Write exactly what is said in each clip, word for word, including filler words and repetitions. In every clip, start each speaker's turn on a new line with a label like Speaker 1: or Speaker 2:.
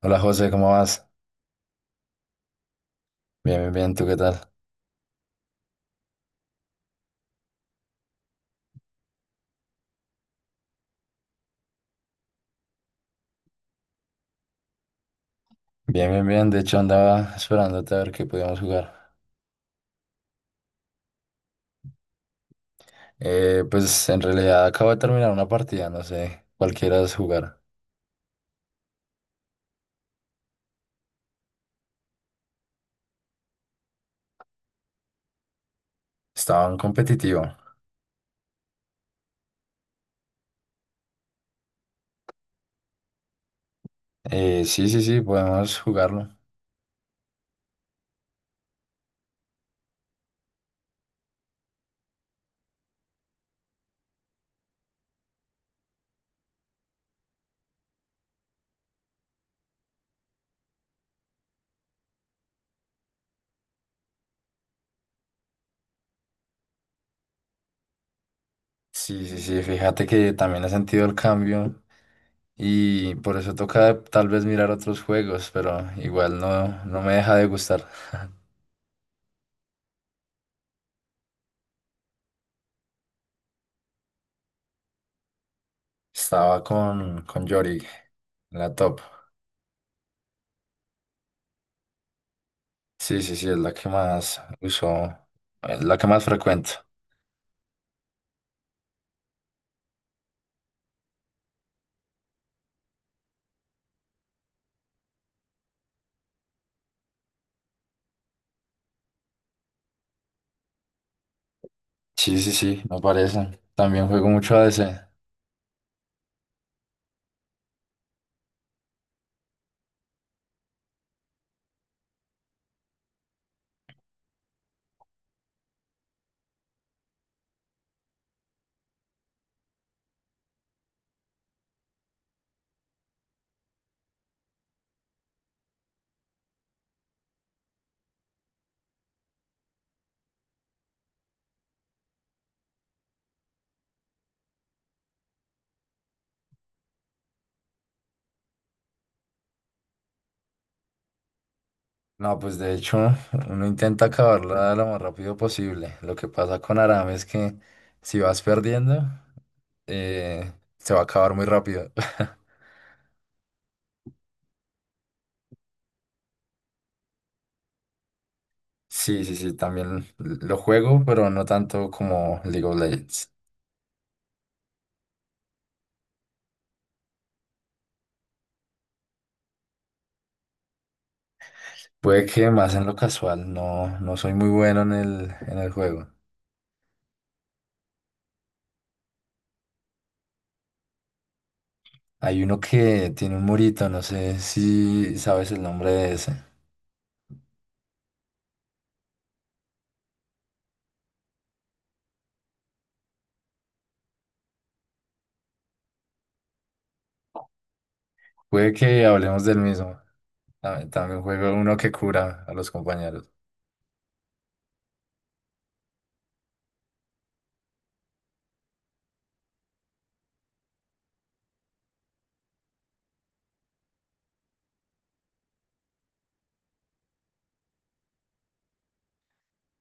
Speaker 1: Hola José, ¿cómo vas? Bien, bien, bien, ¿tú qué tal? Bien, bien, bien, de hecho andaba esperándote a ver qué podíamos jugar. Eh, pues en realidad acabo de terminar una partida, no sé, cualquiera es jugar. Estaba en competitivo. Eh, sí, sí, sí, podemos jugarlo. Sí, sí, sí, fíjate que también he sentido el cambio y por eso toca tal vez mirar otros juegos, pero igual no, no me deja de gustar. Estaba con, con Yorick, en la top. Sí, sí, sí, es la que más uso, es la que más frecuento. Sí, sí, sí, me parece. También juego mucho a ADC. No, pues de hecho, uno intenta acabarla lo más rápido posible. Lo que pasa con Aram es que si vas perdiendo, eh, se va a acabar muy rápido. Sí, sí, sí, también lo juego, pero no tanto como League of Legends. Puede que más en lo casual, no, no soy muy bueno en el, en el juego. Hay uno que tiene un murito, no sé si sabes el nombre de ese. Puede que hablemos del mismo. Tam- También juego uno que cura a los compañeros.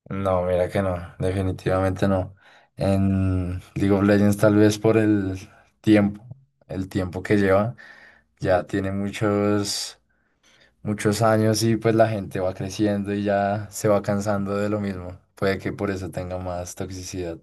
Speaker 1: No, mira que no, definitivamente no. En League of Legends tal vez por el tiempo, el tiempo que lleva, ya tiene muchos, muchos años y pues la gente va creciendo y ya se va cansando de lo mismo. Puede que por eso tenga más toxicidad.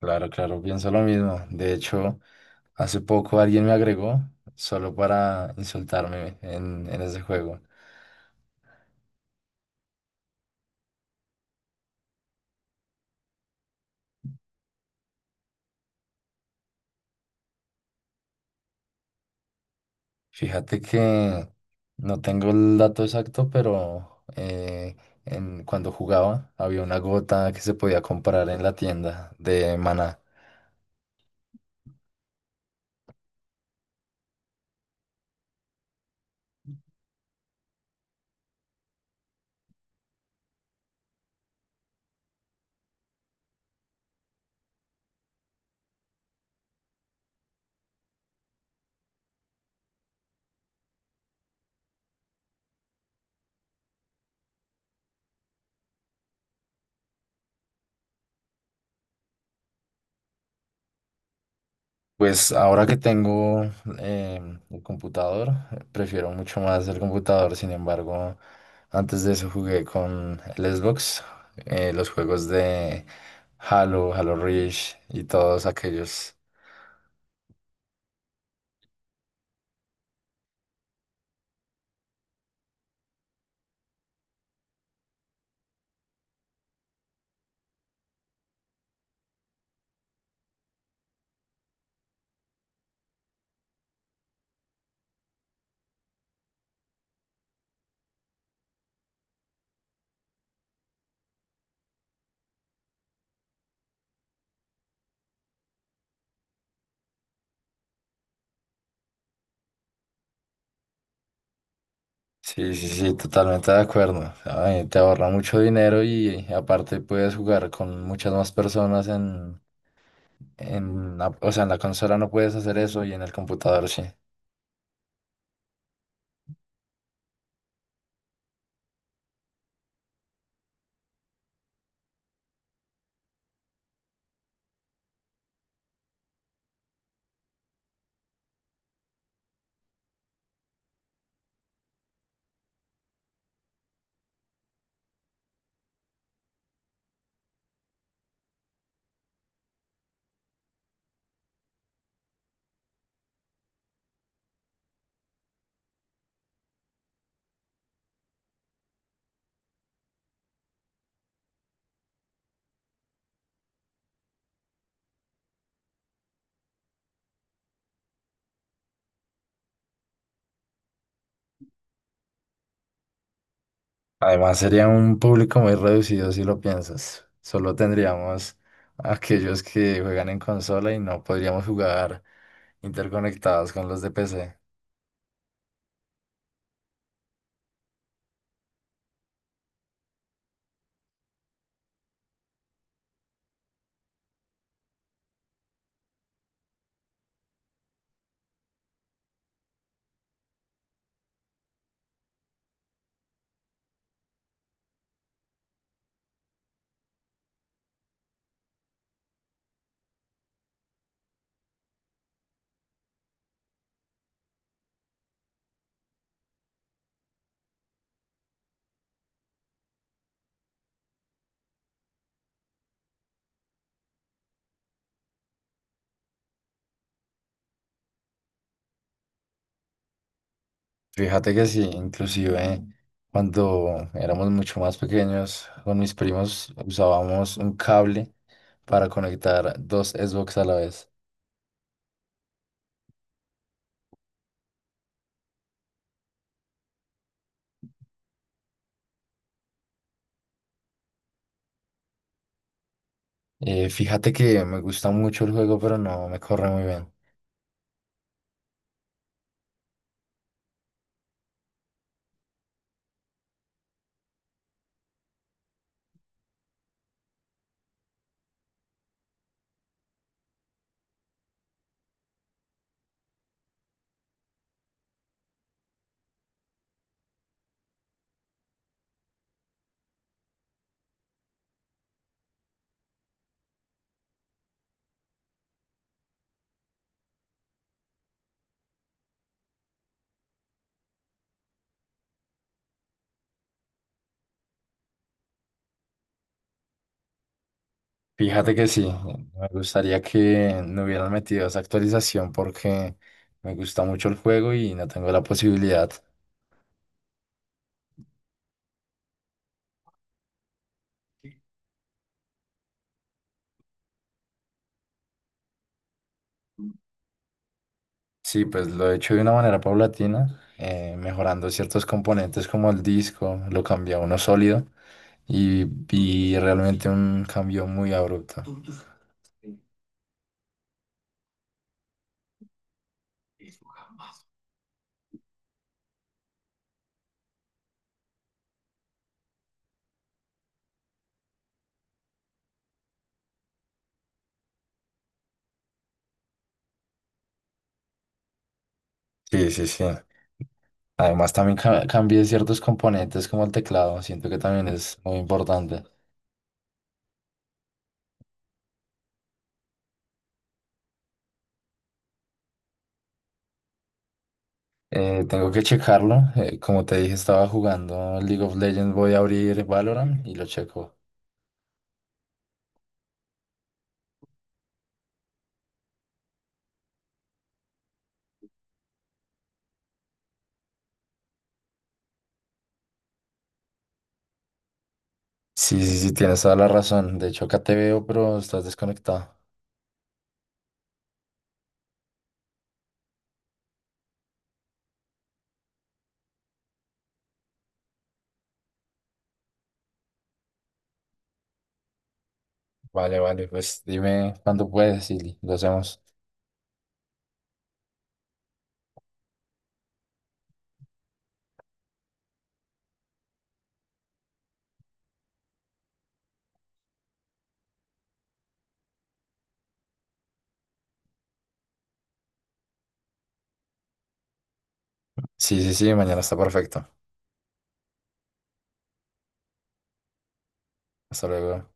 Speaker 1: Claro, claro, pienso lo mismo. De hecho, hace poco alguien me agregó solo para insultarme en, en ese juego. Fíjate que no tengo el dato exacto, pero eh, en, cuando jugaba había una gota que se podía comprar en la tienda de Maná. Pues ahora que tengo em, el computador, prefiero mucho más el computador. Sin embargo, antes de eso jugué con el Xbox, eh, los juegos de Halo, Halo Reach y todos aquellos. Sí, sí, sí, totalmente de acuerdo. Ay, te ahorra mucho dinero y aparte puedes jugar con muchas más personas en, en la- o sea, en la consola no puedes hacer eso y en el computador sí. Además sería un público muy reducido si lo piensas. Solo tendríamos aquellos que juegan en consola y no podríamos jugar interconectados con los de P C. Fíjate que sí, inclusive cuando éramos mucho más pequeños con mis primos usábamos un cable para conectar dos Xbox a la vez. Eh, fíjate que me gusta mucho el juego, pero no me corre muy bien. Fíjate que sí, me gustaría que no hubieran metido esa actualización porque me gusta mucho el juego y no tengo la posibilidad. Sí, pues lo he hecho de una manera paulatina, eh, mejorando ciertos componentes como el disco, lo cambié a uno sólido y y realmente un cambio muy abrupto. Sí, sí, sí. Además, también ca- cambié ciertos componentes como el teclado. Siento que también es muy importante. Eh, tengo que checarlo. Eh, como te dije, estaba jugando League of Legends. Voy a abrir Valorant y lo checo. Sí, sí, sí, tienes toda la razón. De hecho, acá te veo, pero estás desconectado. Vale, vale, pues dime cuándo puedes y lo hacemos. Sí, sí, sí, mañana está perfecto. Hasta luego.